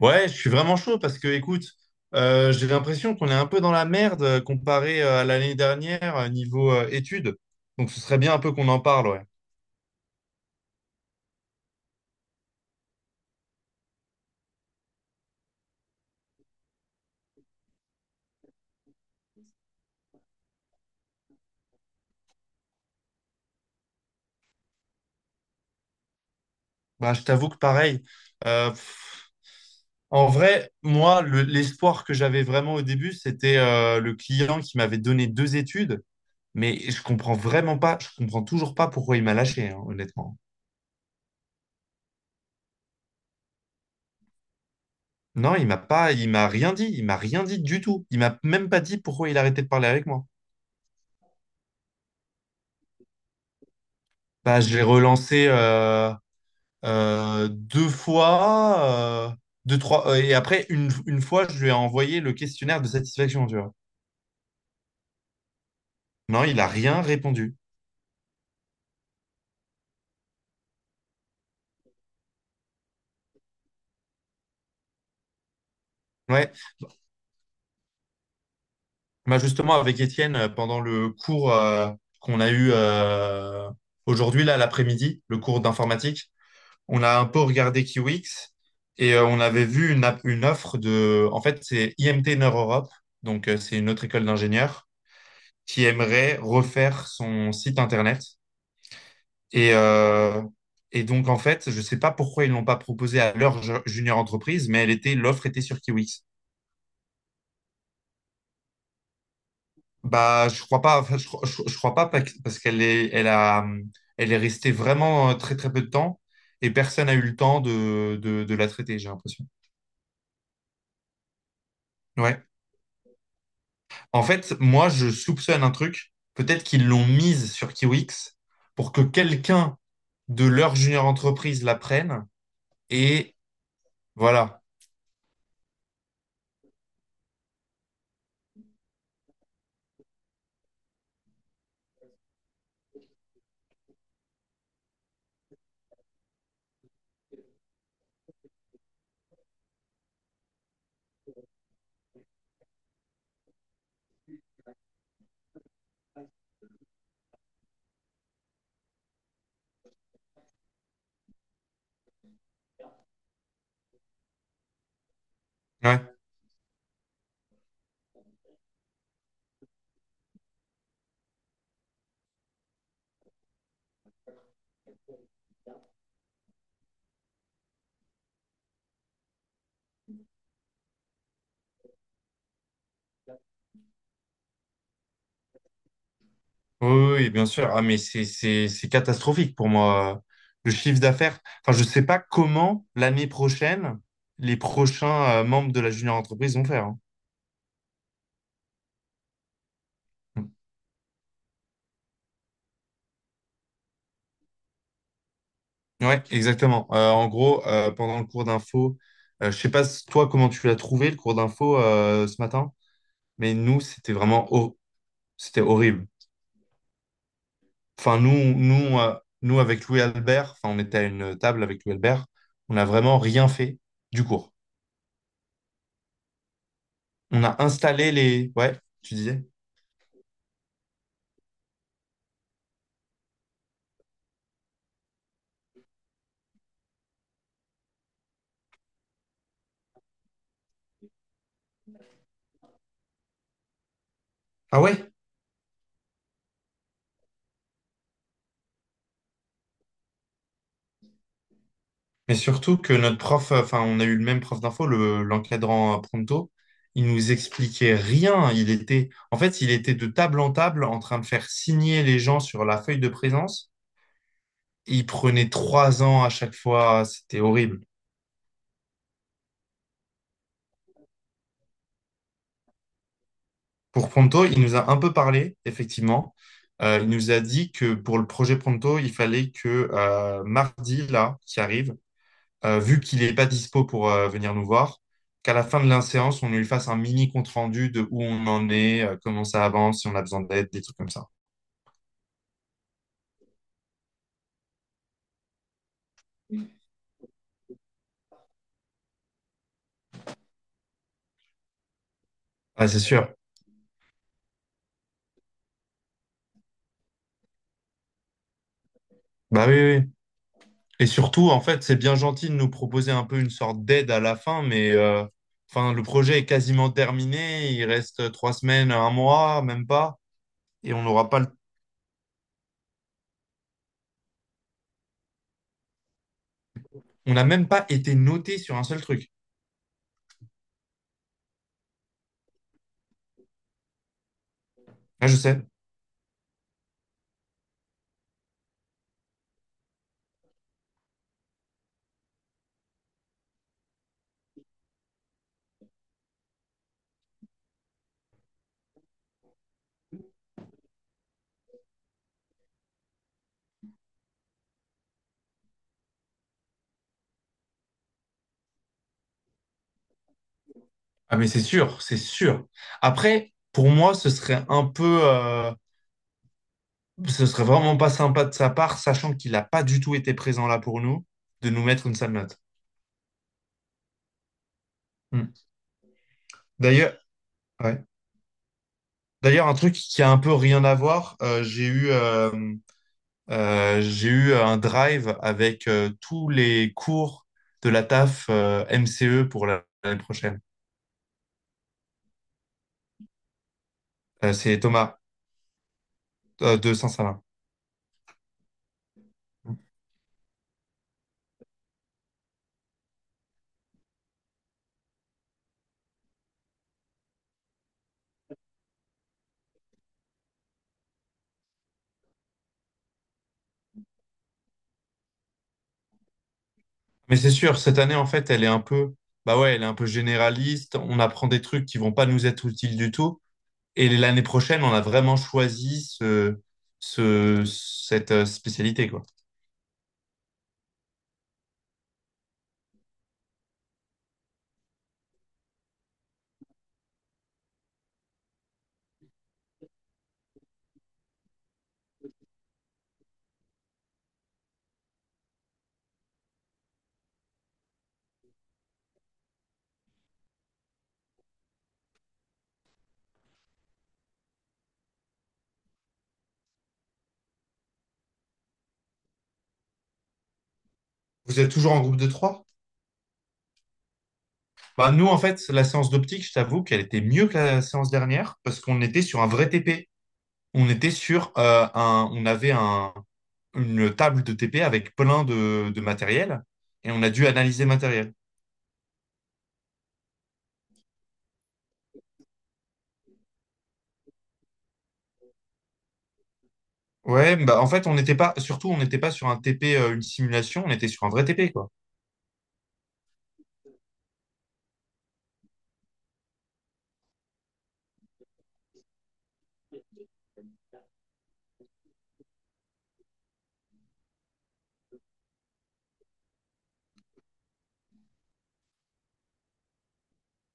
Ouais, je suis vraiment chaud parce que, écoute, j'ai l'impression qu'on est un peu dans la merde comparé à l'année dernière niveau études. Donc, ce serait bien un peu qu'on en parle, ouais. Bah, je t'avoue que pareil. euh, pff, En vrai, moi, l'espoir que j'avais vraiment au début, c'était le client qui m'avait donné deux études, mais je comprends vraiment pas, je comprends toujours pas pourquoi il m'a lâché, hein, honnêtement. Non, il m'a rien dit du tout. Il m'a même pas dit pourquoi il arrêtait de parler avec moi. Bah, je l'ai relancé. Deux fois, deux, trois, et après, une fois, je lui ai envoyé le questionnaire de satisfaction, tu vois. Non, il a rien répondu. Ouais. Bah, justement, avec Étienne, pendant le cours qu'on a eu aujourd'hui, là, l'après-midi, le cours d'informatique, on a un peu regardé Kiwix et on avait vu une offre de. En fait, c'est IMT Nord Europe, donc c'est une autre école d'ingénieurs qui aimerait refaire son site internet. Et, euh, et donc, en fait, je ne sais pas pourquoi ils ne l'ont pas proposé à leur junior entreprise, mais l'offre était sur Kiwix. Bah, je crois pas, enfin, je crois pas parce qu'elle est, elle a, elle est restée vraiment très très peu de temps et personne n'a eu le temps de la traiter, j'ai l'impression. Ouais. En fait, moi, je soupçonne un truc. Peut-être qu'ils l'ont mise sur Kiwix pour que quelqu'un de leur junior entreprise la prenne et voilà. Ouais. Oui, oui, oui, bien sûr. Ah, mais c'est catastrophique pour moi. Le chiffre d'affaires. Enfin, je sais pas comment l'année prochaine, les prochains membres de la junior entreprise vont faire, hein. Mm. Ouais, exactement. En gros, pendant le cours d'info, je sais pas toi comment tu l'as trouvé le cours d'info ce matin, mais nous c'était vraiment c'était horrible. Enfin nous avec Louis Albert, enfin on était à une table avec Louis Albert, on n'a vraiment rien fait du cours. On a installé les, ouais, tu disais? Ah ouais? Mais surtout que notre prof, enfin, on a eu le même prof d'info, l'encadrant Pronto, il nous expliquait rien. En fait, il était de table en table en train de faire signer les gens sur la feuille de présence. Il prenait trois ans à chaque fois. C'était horrible. Pour Pronto, il nous a un peu parlé, effectivement. Il nous a dit que pour le projet Pronto, il fallait que mardi, là, qui arrive, vu qu'il n'est pas dispo pour venir nous voir, qu'à la fin de la séance, on lui fasse un mini compte-rendu de où on en est, comment ça avance, si on a besoin d'aide, des trucs comme ça. Ah, c'est sûr. Bah oui, oui, oui. Et surtout, en fait, c'est bien gentil de nous proposer un peu une sorte d'aide à la fin, mais enfin, le projet est quasiment terminé. Il reste trois semaines, un mois, même pas. Et on n'a même pas été noté sur un seul truc. Ah, je sais. Ah, mais c'est sûr, c'est sûr. Après, pour moi, ce serait un peu. Ce serait vraiment pas sympa de sa part, sachant qu'il n'a pas du tout été présent là pour nous, de nous mettre une sale note. Mm. D'ailleurs, ouais. D'ailleurs, un truc qui a un peu rien à voir, j'ai eu un drive avec tous les cours de la TAF MCE pour l'année prochaine. C'est Thomas de Saint-Salin. Mais c'est sûr, cette année, en fait, elle est un peu, bah ouais, elle est un peu généraliste. On apprend des trucs qui vont pas nous être utiles du tout. Et l'année prochaine, on a vraiment choisi cette spécialité, quoi. Vous êtes toujours en groupe de trois? Bah, nous, en fait, la séance d'optique, je t'avoue qu'elle était mieux que la séance dernière parce qu'on était sur un vrai TP. On était sur on avait une table de TP avec plein de matériel et on a dû analyser le matériel. Ouais, bah en fait, on n'était pas, surtout, on n'était pas sur un TP, une simulation, on était sur un vrai TP, quoi.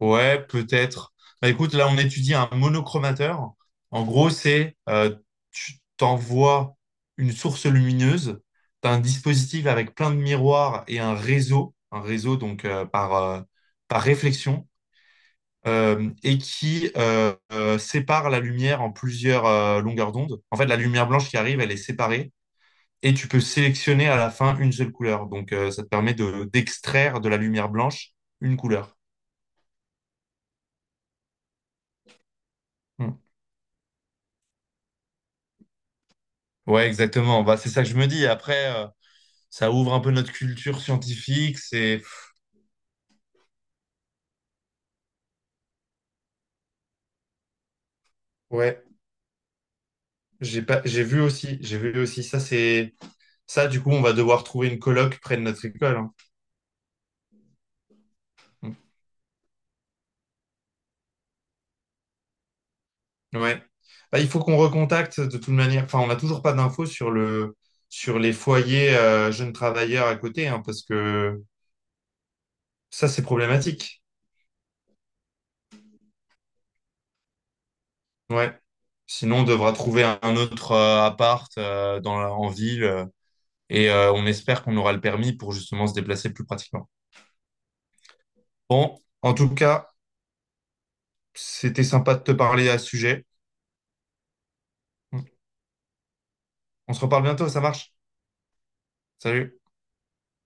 Ouais, peut-être. Bah écoute, là, on étudie un monochromateur. En gros, tu t'envoies une source lumineuse, t'as un dispositif avec plein de miroirs et un réseau donc par réflexion, et qui sépare la lumière en plusieurs longueurs d'onde. En fait, la lumière blanche qui arrive, elle est séparée et tu peux sélectionner à la fin une seule couleur. Donc, ça te permet de d'extraire de la lumière blanche une couleur. Hmm. Ouais, exactement. Bah, c'est ça que je me dis. Après, ça ouvre un peu notre culture scientifique. C'est ouais. J'ai pas, j'ai vu aussi, j'ai vu aussi. Ça, c'est ça. Du coup, on va devoir trouver une coloc près de notre école, hein. Hmm. Ouais. Bah, il faut qu'on recontacte de toute manière. Enfin, on n'a toujours pas d'infos sur le sur les foyers jeunes travailleurs à côté, hein, parce que ça, c'est problématique. Ouais. Sinon, on devra trouver un autre appart en ville et on espère qu'on aura le permis pour justement se déplacer plus pratiquement. Bon, en tout cas, c'était sympa de te parler à ce sujet. On se reparle bientôt, ça marche? Salut.